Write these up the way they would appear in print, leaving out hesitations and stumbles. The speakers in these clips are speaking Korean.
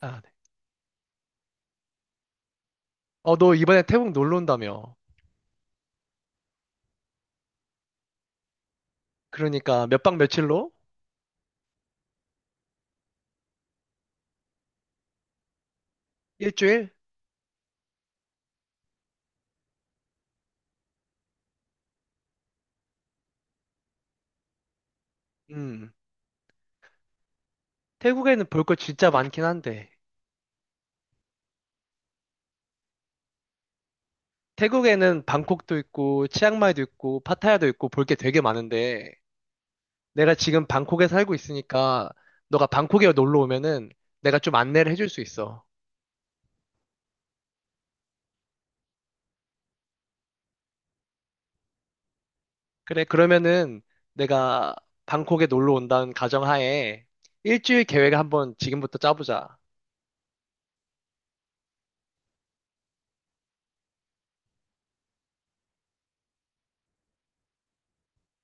아, 네. 어, 너 이번에 태국 놀러 온다며. 그러니까 몇 박 며칠로? 일주일? 음. 태국에는 볼 거 진짜 많긴 한데. 태국에는 방콕도 있고, 치앙마이도 있고, 파타야도 있고, 볼 게 되게 많은데. 내가 지금 방콕에 살고 있으니까, 너가 방콕에 놀러 오면은 내가 좀 안내를 해줄 수 있어. 그래, 그러면은 내가 방콕에 놀러 온다는 가정하에 일주일 계획을 한번 지금부터 짜보자.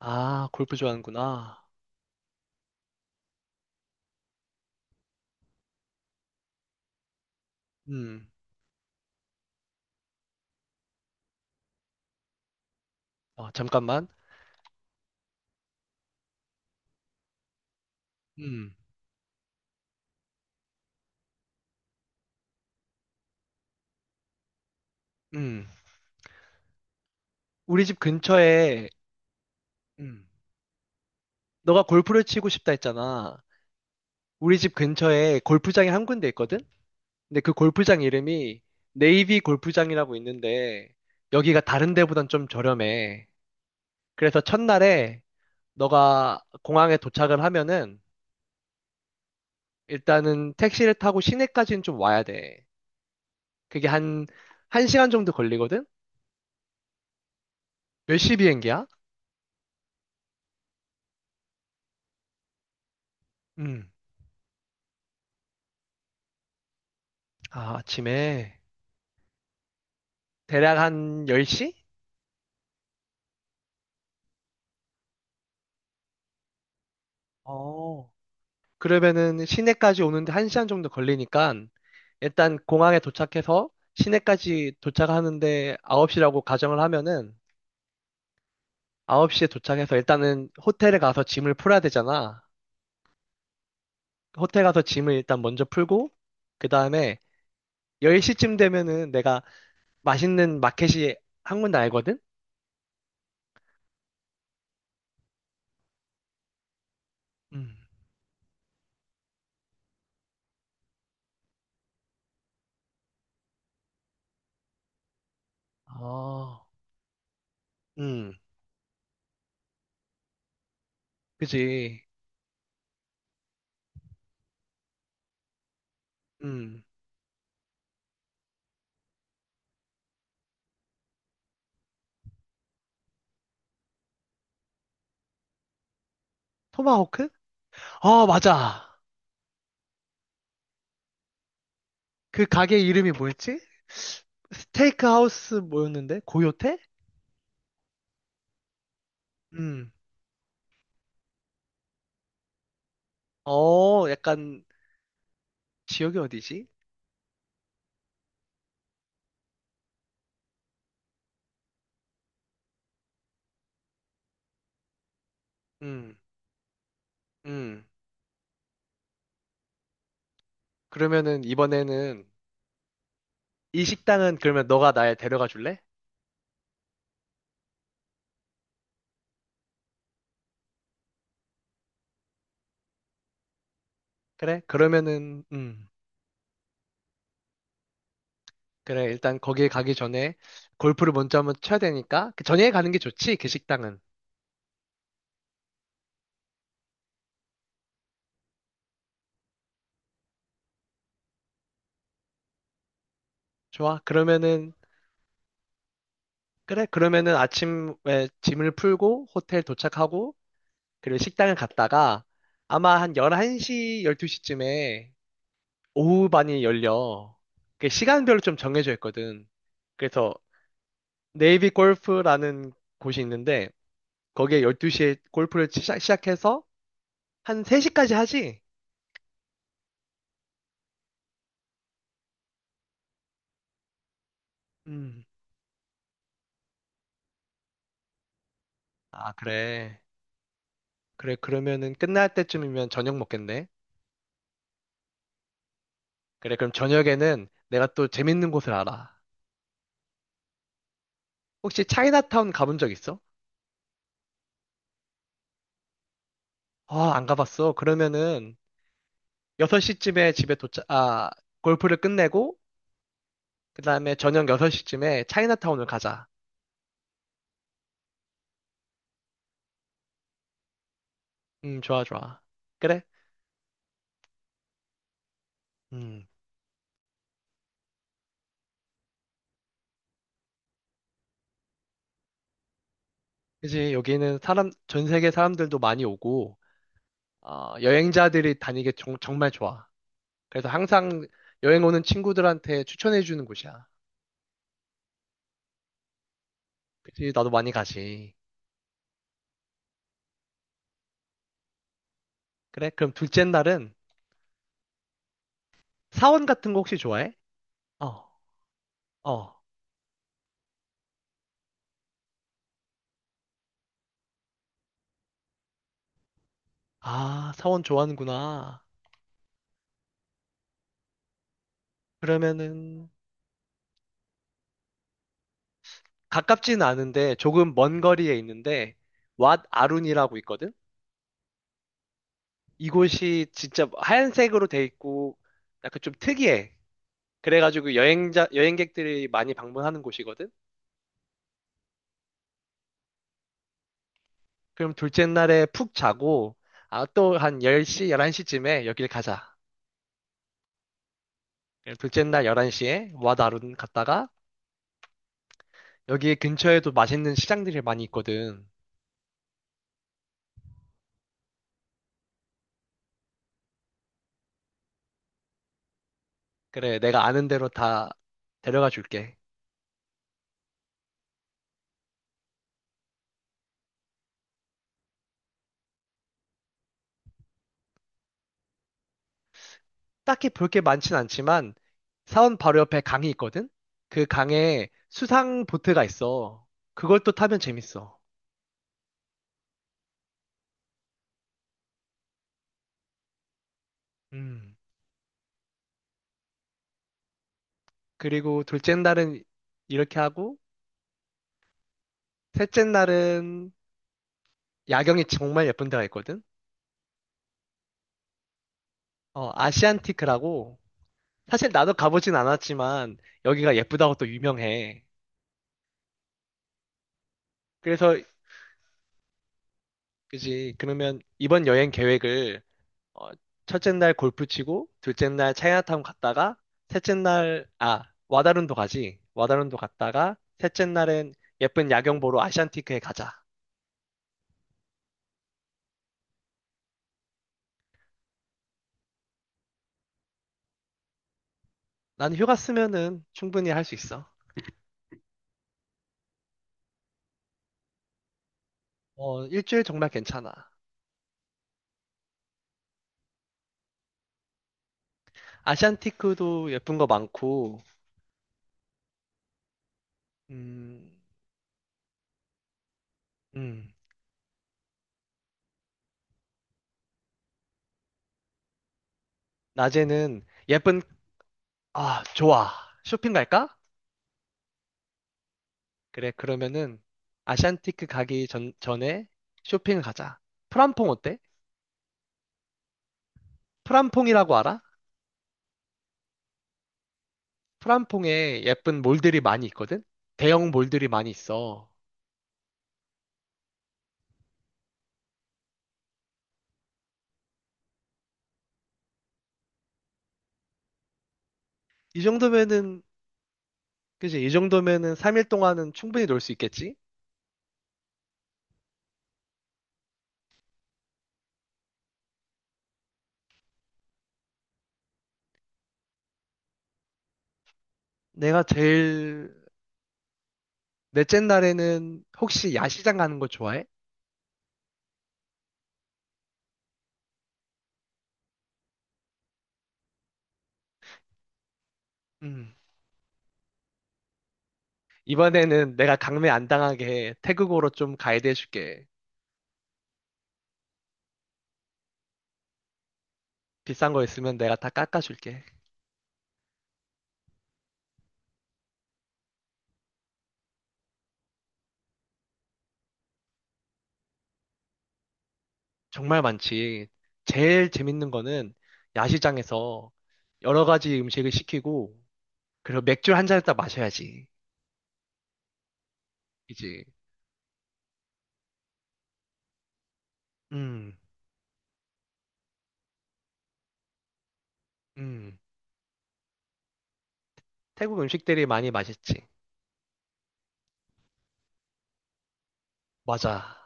아, 골프 좋아하는구나. 음. 어, 잠깐만. 음. 음. 우리 집 근처에, 음. 너가 골프를 치고 싶다 했잖아. 우리 집 근처에 골프장이 한 군데 있거든? 근데 그 골프장 이름이 네이비 골프장이라고 있는데, 여기가 다른 데보단 좀 저렴해. 그래서 첫날에 너가 공항에 도착을 하면은, 일단은 택시를 타고 시내까지는 좀 와야 돼. 그게 한, 한 시간 정도 걸리거든? 몇 시 비행기야? 음. 아, 아침에. 대략 한 10시? 어. 그러면은 시내까지 오는데 한시간 정도 걸리니까 일단 공항에 도착해서 시내까지 도착하는데 9시라고 가정을 하면은 9시에 도착해서 일단은 호텔에 가서 짐을 풀어야 되잖아. 호텔 가서 짐을 일단 먼저 풀고 그다음에 10시쯤 되면은 내가 맛있는 마켓이 한 군데 알거든? 음. 아. 음. 그지. 음. 토마호크? 아, 맞아. 그 가게 이름이 뭐였지? 스테이크 하우스 뭐였는데? 고요태? 음. 어, 약간 지역이 어디지? 음. 음. 그러면은 이번에는 이 식당은 그러면 너가 날 데려가 줄래? 그래? 그러면은 그래. 일단 거기에 가기 전에 골프를 먼저 한번 쳐야 되니까 그 전에 가는 게 좋지. 그 식당은. 좋아. 그러면은 그래. 그러면은 아침에 짐을 풀고 호텔 도착하고 그리고 식당을 갔다가 아마 한 11시, 12시쯤에 오후 반이 열려. 그 시간별로 좀 정해져 있거든. 그래서 네이비 골프라는 곳이 있는데 거기에 12시에 골프를 시작해서 한 3시까지 하지? 음. 아, 그래. 그래, 그러면은 끝날 때쯤이면 저녁 먹겠네. 그래, 그럼 저녁에는 내가 또 재밌는 곳을 알아. 혹시 차이나타운 가본 적 있어? 아, 안 가봤어. 그러면은 6시쯤에 집에 도착, 아, 골프를 끝내고 그다음에 저녁 6시쯤에 차이나타운을 가자. 좋아, 좋아. 그래? 음. 그지, 여기는 전 세계 사람들도 많이 오고, 어, 여행자들이 다니기 정말 좋아. 그래서 항상 여행 오는 친구들한테 추천해 주는 곳이야. 그치, 나도 많이 가지. 그래? 그럼 둘째 날은 사원 같은 거 혹시 좋아해? 어, 어. 아, 사원 좋아하는구나. 그러면은 가깝지는 않은데 조금 먼 거리에 있는데 왓 아룬이라고 있거든? 이곳이 진짜 하얀색으로 돼 있고 약간 좀 특이해. 그래가지고 여행객들이 많이 방문하는 곳이거든? 그럼 둘째 날에 푹 자고, 아, 또 한 10시, 11시쯤에 여길 가자. 그럼 둘째 날 11시에 와다룬 갔다가, 여기 근처에도 맛있는 시장들이 많이 있거든. 그래, 내가 아는 대로 다 데려가 줄게. 딱히 볼 게 많진 않지만, 사원 바로 옆에 강이 있거든? 그 강에 수상 보트가 있어. 그걸 또 타면 재밌어. 음. 그리고 둘째 날은 이렇게 하고, 셋째 날은 야경이 정말 예쁜 데가 있거든? 어, 아시안티크라고 사실 나도 가보진 않았지만 여기가 예쁘다고 또 유명해. 그래서 그지. 그러면 이번 여행 계획을 어, 첫째 날 골프 치고 둘째 날 차이나타운 갔다가 셋째 날 아, 와다룬도 가지. 와다룬도 갔다가 셋째 날엔 예쁜 야경 보러 아시안티크에 가자. 난 휴가 쓰면은 충분히 할 수 있어. 어, 일주일 정말 괜찮아. 아시안티크도 예쁜 거 많고, 음, 음, 낮에는 예쁜, 아, 좋아. 쇼핑 갈까? 그래, 그러면은 아시안티크 가기 전에 쇼핑을 가자. 프람퐁 어때? 프람퐁이라고 알아? 프람퐁에 예쁜 몰들이 많이 있거든? 대형 몰들이 많이 있어. 이 정도면은, 그지? 이 정도면은 3일 동안은 충분히 놀 수 있겠지? 내가 제일, 넷째 날에는 혹시 야시장 가는 거 좋아해? 음. 이번에는 내가 강매 안 당하게 태국어로 좀 가이드 해줄게. 비싼 거 있으면 내가 다 깎아줄게. 정말 많지. 제일 재밌는 거는 야시장에서 여러 가지 음식을 시키고, 그리고 맥주 한 잔을 딱 마셔야지. 이제, 음, 음. 태국 음식들이 많이 맛있지. 맞아.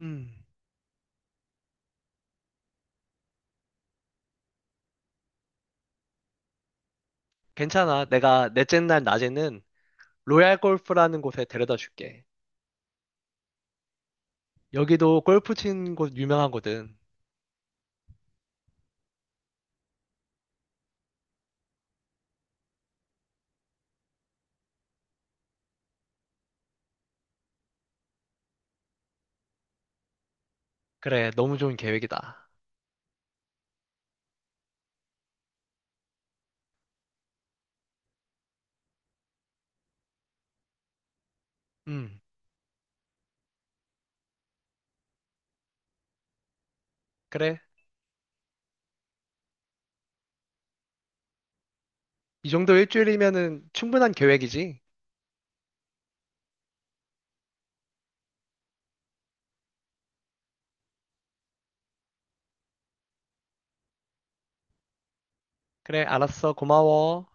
음. 괜찮아. 내가 넷째 날 낮에는 로얄 골프라는 곳에 데려다 줄게. 여기도 골프 치는 곳 유명하거든. 그래, 너무 좋은 계획이다. 음, 그래. 이 정도 일주일이면은 충분한 계획이지. 그래, 알았어. 고마워.